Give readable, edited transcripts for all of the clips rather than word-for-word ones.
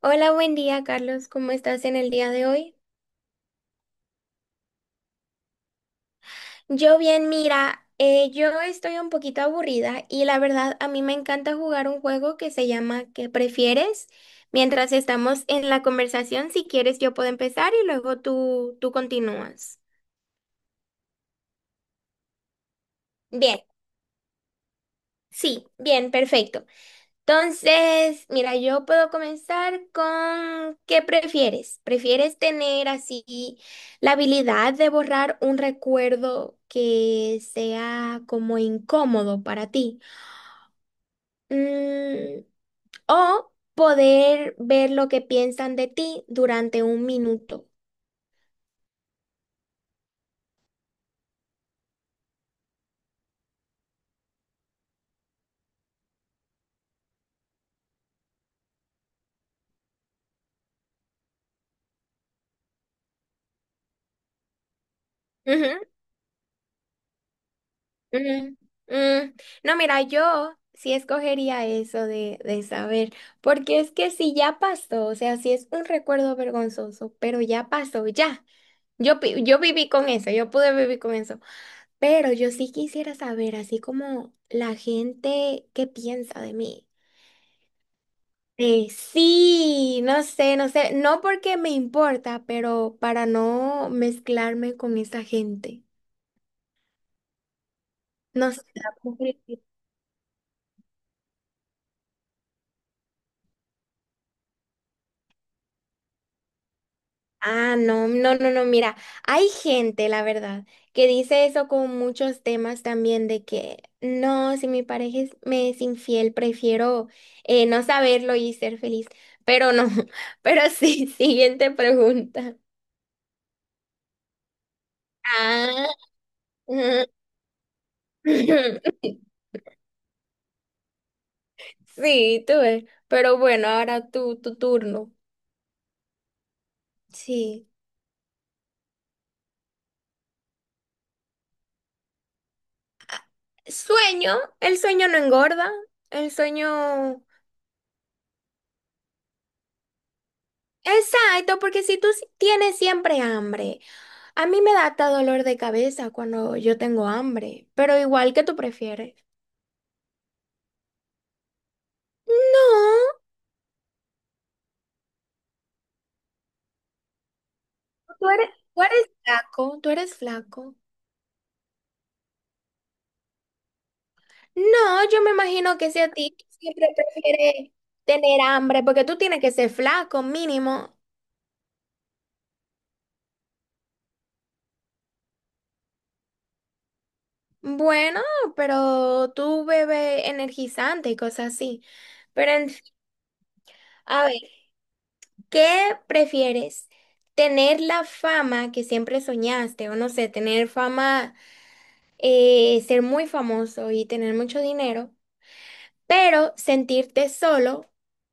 Hola, buen día, Carlos. ¿Cómo estás en el día de hoy? Yo bien, mira, yo estoy un poquito aburrida y la verdad a mí me encanta jugar un juego que se llama ¿Qué prefieres? Mientras estamos en la conversación, si quieres yo puedo empezar y luego tú continúas. Bien. Sí, bien, perfecto. Entonces, mira, yo puedo comenzar con ¿qué prefieres? ¿Prefieres tener así la habilidad de borrar un recuerdo que sea como incómodo para ti? Mm, ¿O poder ver lo que piensan de ti durante un minuto? Mm. Mm. No, mira, yo sí escogería eso de saber, porque es que si ya pasó, o sea, si es un recuerdo vergonzoso, pero ya pasó, ya. Yo viví con eso, yo pude vivir con eso, pero yo sí quisiera saber, así como la gente, ¿qué piensa de mí? Sí, no sé, no sé, no porque me importa, pero para no mezclarme con esa gente. No sé. Ah, no, no, no, no, mira, hay gente, la verdad, que dice eso con muchos temas también de que no, si mi pareja me es infiel, prefiero no saberlo y ser feliz. Pero no, pero sí, siguiente pregunta. Ah. Ujú. Sí, tú ves. Pero bueno, ahora tú, tu turno. Sí. Sueño, el sueño no engorda, el sueño. Exacto, porque si tú tienes siempre hambre, a mí me da hasta dolor de cabeza cuando yo tengo hambre, pero igual que tú prefieres. No, tú eres flaco, tú eres flaco. No, yo me imagino que si a ti siempre prefieres tener hambre, porque tú tienes que ser flaco, mínimo. Bueno, pero tú bebes energizante y cosas así. Pero en fin, a ver. ¿Qué prefieres? ¿Tener la fama que siempre soñaste o, no sé, tener fama, ser muy famoso y tener mucho dinero, pero sentirte solo,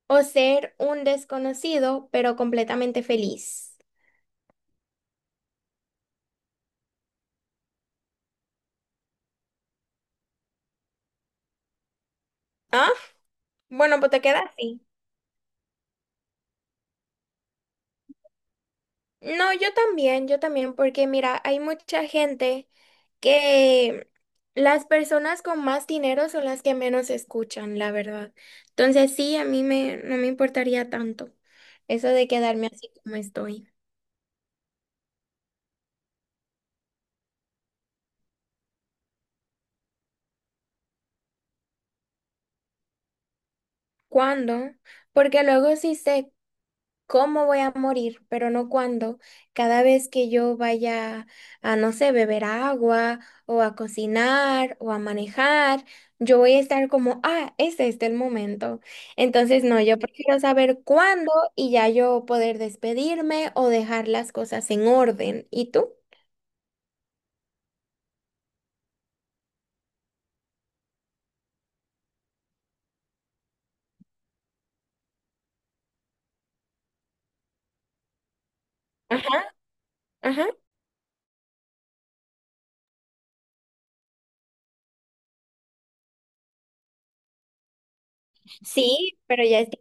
o ser un desconocido pero completamente feliz? Ah, bueno, pues te quedas así. No, yo también, porque mira, hay mucha gente que, las personas con más dinero son las que menos escuchan, la verdad. Entonces sí, a mí me, no me importaría tanto eso de quedarme así como estoy. ¿Cuándo? Porque luego sí se cómo voy a morir, pero no cuándo. Cada vez que yo vaya a, no sé, beber agua o a cocinar o a manejar, yo voy a estar como, ah, ¿es este el momento? Entonces, no, yo prefiero saber cuándo y ya yo poder despedirme o dejar las cosas en orden. ¿Y tú? Ajá. Ajá. Sí, pero ya está.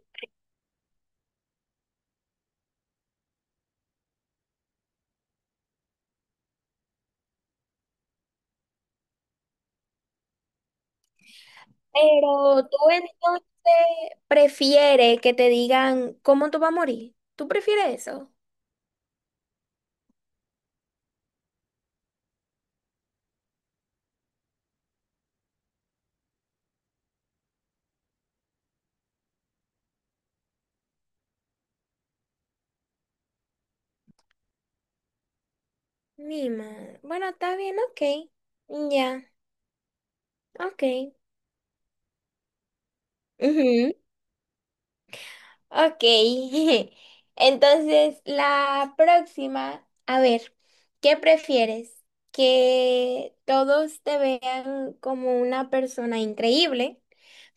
Pero tú entonces prefieres que te digan cómo tú vas a morir. ¿Tú prefieres eso? Mi madre. Bueno, está bien, ok. Ya, ok. Ujú. Ok. Entonces, la próxima, a ver, ¿qué prefieres? ¿Que todos te vean como una persona increíble,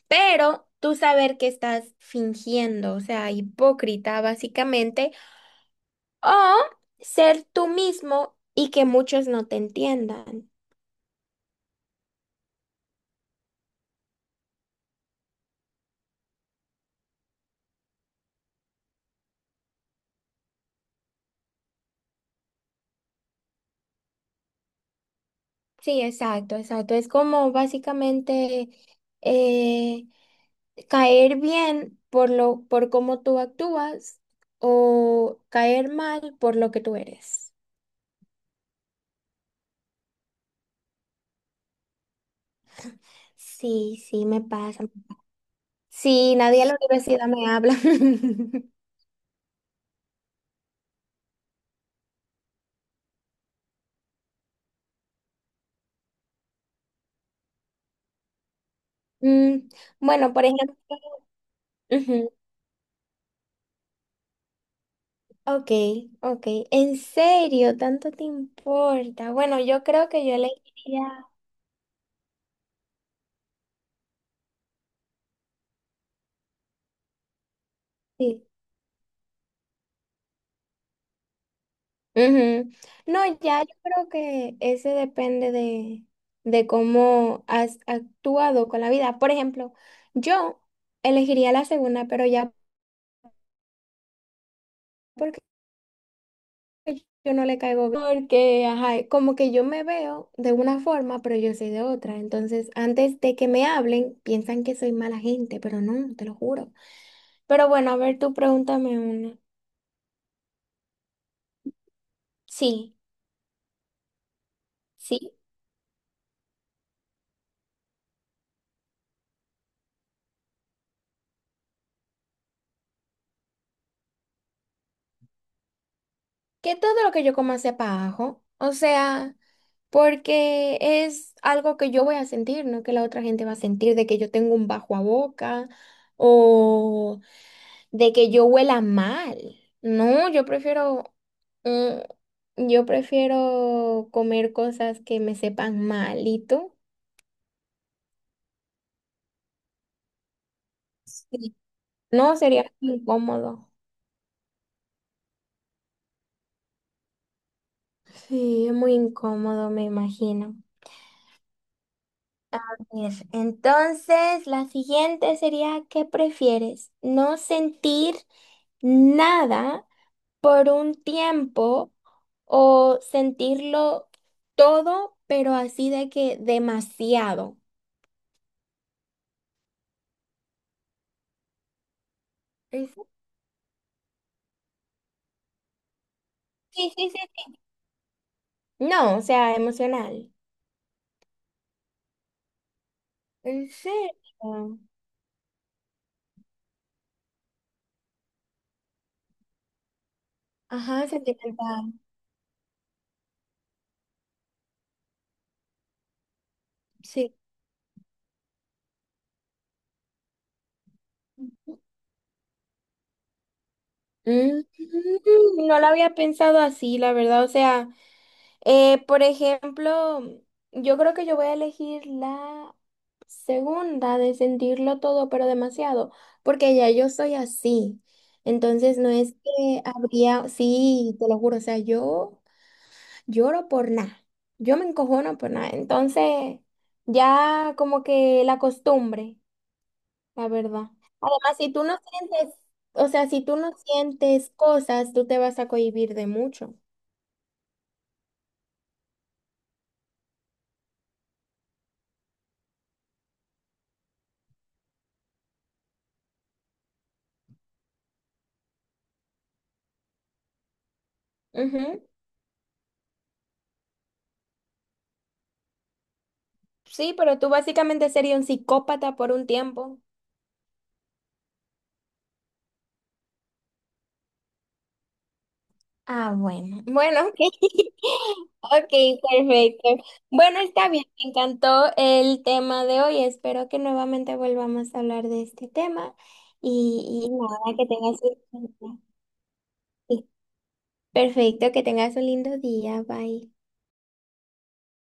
pero tú saber que estás fingiendo, o sea, hipócrita básicamente, o ser tú mismo y que muchos no te entiendan? Sí, exacto, exacto. Es como básicamente, eh, caer bien por cómo tú actúas, o caer mal por lo que tú eres. Sí, sí, me pasa. Sí, nadie a la universidad me habla. Mm, bueno, por ejemplo. Ujú. Ok, ok. ¿En serio? ¿Tanto te importa? Bueno, yo creo que yo elegiría, sí. Ujú. No, ya yo creo que ese depende de cómo has actuado con la vida. Por ejemplo, yo elegiría la segunda, pero ya porque yo no le caigo bien, porque, ajá, como que yo me veo de una forma, pero yo soy de otra. Entonces, antes de que me hablen, piensan que soy mala gente, pero no, te lo juro. Pero bueno, a ver, tú pregúntame una. Sí, sí. Que todo lo que yo coma sepa ajo. O sea. Porque es algo que yo voy a sentir, no que la otra gente va a sentir de que yo tengo un bajo a boca o de que yo huela mal. No, yo prefiero comer cosas que me sepan mal. ¿Y tú? Sí. No, sería incómodo. Sí, es muy incómodo, me imagino. Ver. Entonces, la siguiente sería, ¿qué prefieres? ¿No sentir nada por un tiempo, o sentirlo todo, pero así de que demasiado? ¿En serio? Sí, sí, sí, sí. No, o sea, emocional. ¿En serio? Ajá, sentimental. Sí. Mm, no lo había pensado así, la verdad, o sea. Por ejemplo, yo creo que yo voy a elegir la segunda, de sentirlo todo, pero demasiado, porque ya yo soy así. Entonces no es que habría, sí, te lo juro, o sea, yo lloro por nada, yo me encojono por nada. Entonces, ya como que la costumbre, la verdad. Además, si tú no sientes, o sea, si tú no sientes cosas, tú te vas a cohibir de mucho. Sí, pero tú básicamente serías un psicópata por un tiempo. Ah, bueno. Bueno, ok. Ok, perfecto. Bueno, está bien. Me encantó el tema de hoy. Espero que nuevamente volvamos a hablar de este tema. Y nada, que tengas un... sí, perfecto, que tengas un lindo día. Bye.